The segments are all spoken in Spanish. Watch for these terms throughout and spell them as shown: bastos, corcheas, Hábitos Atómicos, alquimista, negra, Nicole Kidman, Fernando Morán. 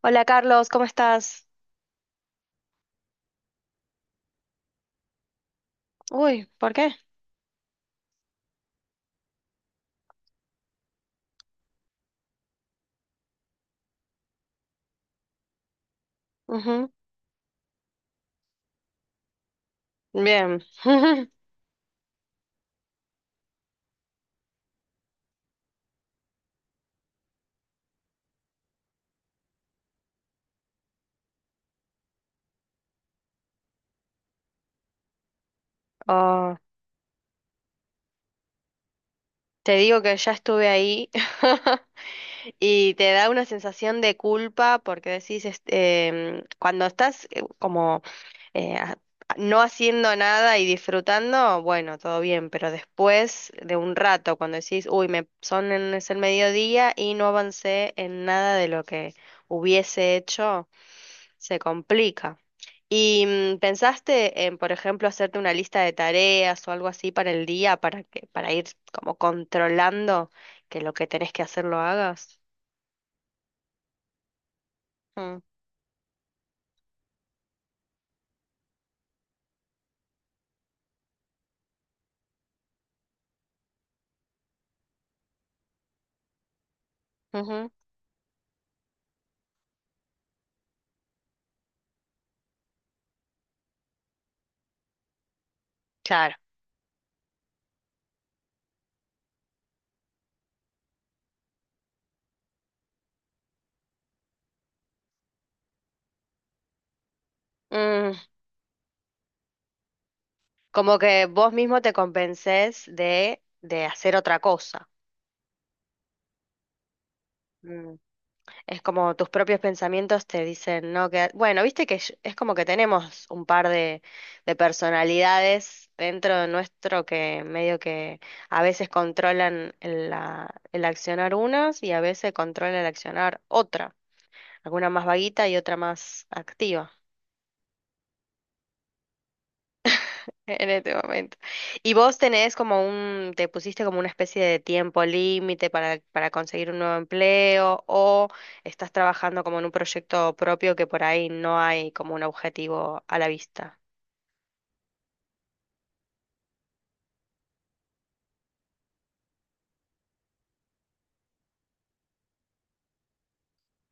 Hola Carlos, ¿cómo estás? Uy, ¿por qué? Ujú. Bien. Oh, te digo que ya estuve ahí y te da una sensación de culpa porque decís, cuando estás como eh, a- no haciendo nada y disfrutando, bueno, todo bien, pero después de un rato, cuando decís, uy, es el mediodía y no avancé en nada de lo que hubiese hecho. Se complica. ¿Y pensaste en, por ejemplo, hacerte una lista de tareas o algo así para el día para ir como controlando que lo que tenés que hacer lo hagas? Mm, ujú. Claro. Mm, como que vos mismo te convences de hacer otra cosa. Mm. Es como tus propios pensamientos te dicen, no, que... Bueno, viste que es como que tenemos un par de personalidades dentro de nuestro que medio que a veces controlan el accionar unas y a veces controla el accionar otra. Alguna más vaguita y otra más activa en este momento. ¿Y vos tenés como un, te pusiste como una especie de tiempo límite para conseguir un nuevo empleo o estás trabajando como en un proyecto propio que por ahí no hay como un objetivo a la vista?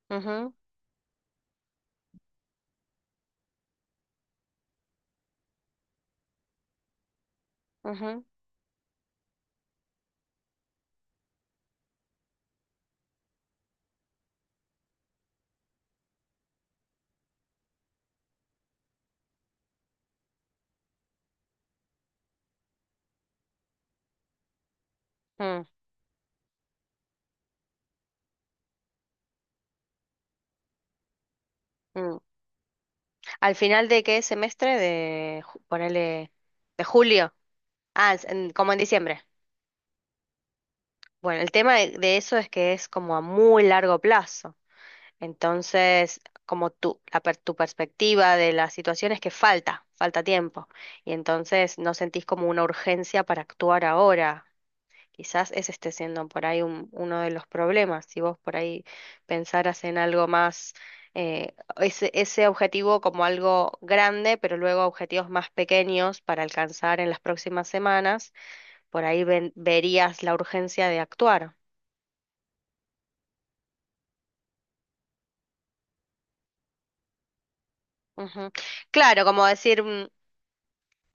Ujú, ujú, mm, mm. ¿Al final de qué semestre? Ponele, de julio. Ah, como en diciembre. Bueno, el tema de eso es que es como a muy largo plazo. Entonces, como tú, tu perspectiva de la situación es que falta, falta tiempo. Y entonces no sentís como una urgencia para actuar ahora. Quizás ese esté siendo por ahí uno de los problemas. Si vos por ahí pensaras en algo más, ese, ese objetivo como algo grande, pero luego objetivos más pequeños para alcanzar en las próximas semanas, por ahí verías la urgencia de actuar. Ujú. Claro, como decir. Mm.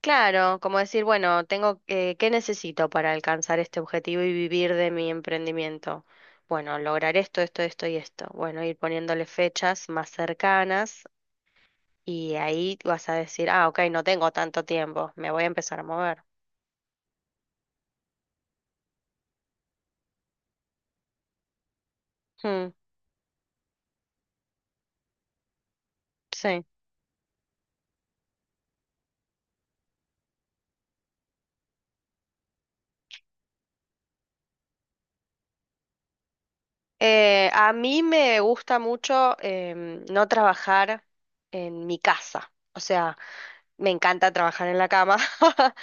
Claro, como decir, bueno, tengo ¿qué necesito para alcanzar este objetivo y vivir de mi emprendimiento? Bueno, lograr esto, esto, esto y esto. Bueno, ir poniéndole fechas más cercanas y ahí vas a decir, ah, ok, no tengo tanto tiempo, me voy a empezar a mover. Mm, sí. A mí me gusta mucho no trabajar en mi casa. O sea, me encanta trabajar en la cama,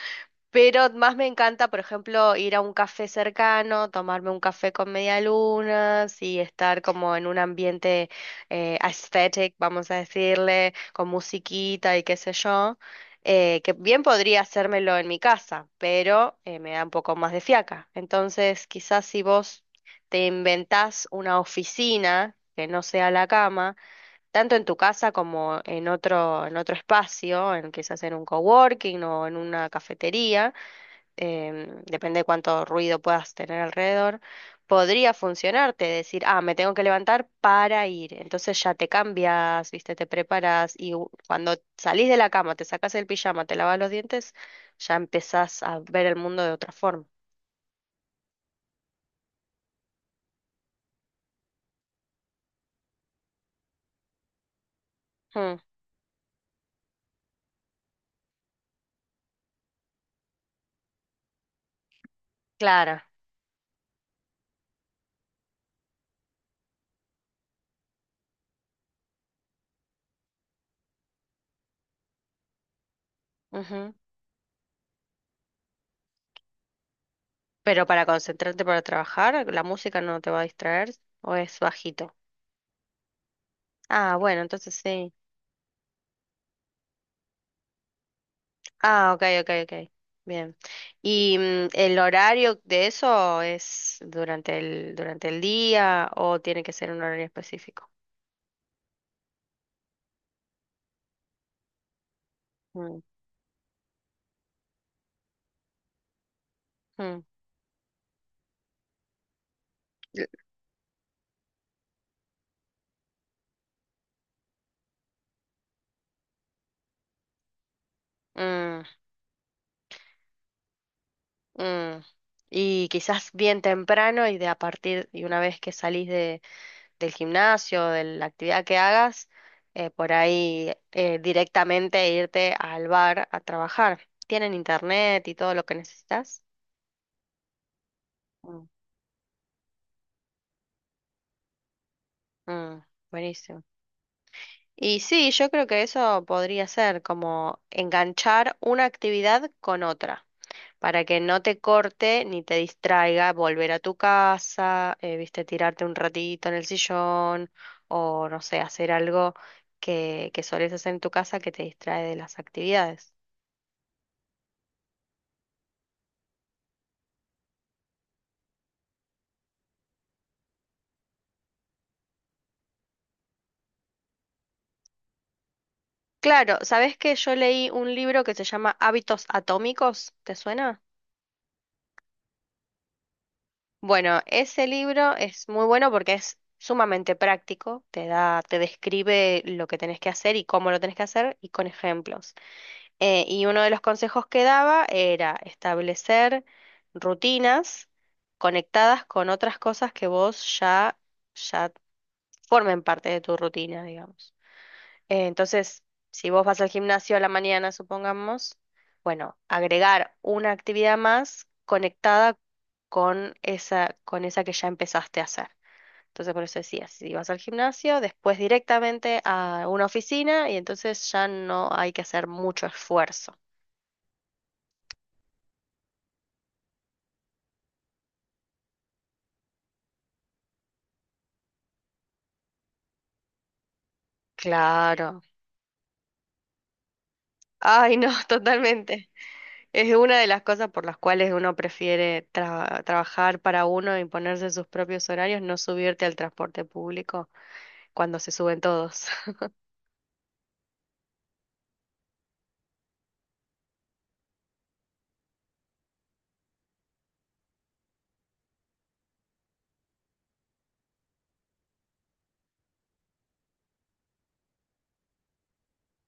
pero más me encanta, por ejemplo, ir a un café cercano, tomarme un café con medialunas y estar como en un ambiente aesthetic, vamos a decirle, con musiquita y qué sé yo, que bien podría hacérmelo en mi casa, pero me da un poco más de fiaca. Entonces, quizás si vos te inventás una oficina que no sea la cama, tanto en tu casa como en otro espacio, en, quizás en un coworking o en una cafetería depende de cuánto ruido puedas tener alrededor, podría funcionarte, decir, ah, me tengo que levantar para ir. Entonces ya te cambias, viste, te preparas y cuando salís de la cama, te sacas el pijama, te lavas los dientes, ya empezás a ver el mundo de otra forma. Mm, clara. Ujú. Pero para concentrarte para trabajar, ¿la música no te va a distraer o es bajito? Ah, bueno, entonces sí. Ah, ok, ok, ok. Bien. ¿Y el horario de eso es durante el día o tiene que ser un horario específico? Mm, mm, mm, mm. Y quizás bien temprano y de a partir, y una vez que salís de, del gimnasio, de la actividad que hagas, por ahí directamente irte al bar a trabajar. ¿Tienen internet y todo lo que necesitas? Mm, mm, buenísimo. Y sí, yo creo que eso podría ser como enganchar una actividad con otra, para que no te corte ni te distraiga volver a tu casa, viste, tirarte un ratito en el sillón o no sé, hacer algo que solés hacer en tu casa que te distrae de las actividades. Claro, ¿sabés que yo leí un libro que se llama Hábitos Atómicos? ¿Te suena? Bueno, ese libro es muy bueno porque es sumamente práctico, te da, te describe lo que tenés que hacer y cómo lo tenés que hacer y con ejemplos. Y uno de los consejos que daba era establecer rutinas conectadas con otras cosas que vos ya, ya formen parte de tu rutina, digamos. Entonces, si vos vas al gimnasio a la mañana, supongamos, bueno, agregar una actividad más conectada con esa que ya empezaste a hacer. Entonces, por eso decía, si vas al gimnasio, después directamente a una oficina y entonces ya no hay que hacer mucho esfuerzo. Claro. Ay, no, totalmente. Es una de las cosas por las cuales uno prefiere trabajar para uno y ponerse sus propios horarios, no subirte al transporte público cuando se suben todos.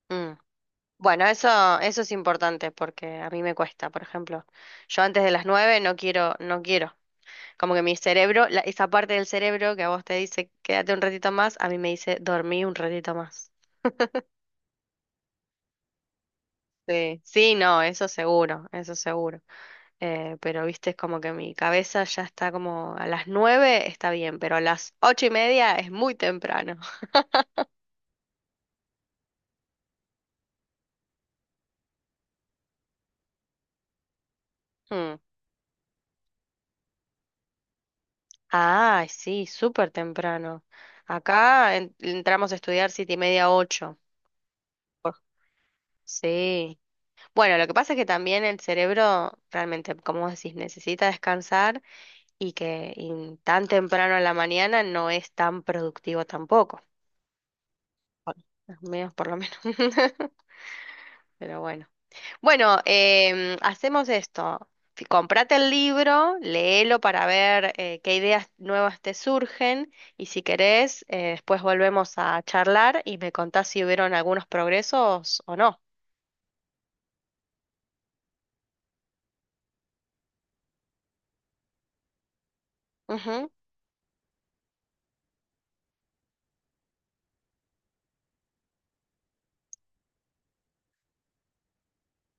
Mm. Bueno, eso es importante porque a mí me cuesta, por ejemplo. Yo antes de las nueve no quiero, no quiero. Como que mi cerebro, esa parte del cerebro que a vos te dice quédate un ratito más, a mí me dice dormí un ratito más. Sí, sí, no, eso seguro, eso seguro. Pero viste, es como que mi cabeza ya está como a las nueve está bien, pero a las ocho y media es muy temprano. Ah, sí, súper temprano. Acá entramos a estudiar siete y media, ocho. Por- Sí. Bueno, lo que pasa es que también el cerebro realmente, como vos decís, necesita descansar y que y tan temprano en la mañana no es tan productivo tampoco. Por- Menos por lo menos. Pero bueno. Bueno, hacemos esto. Comprate el libro, léelo para ver qué ideas nuevas te surgen y si querés, después volvemos a charlar y me contás si hubieron algunos progresos o no. Ujú.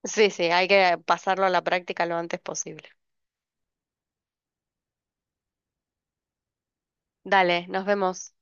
Sí, sí, hay que pasarlo a la práctica lo antes posible. Dale, nos vemos.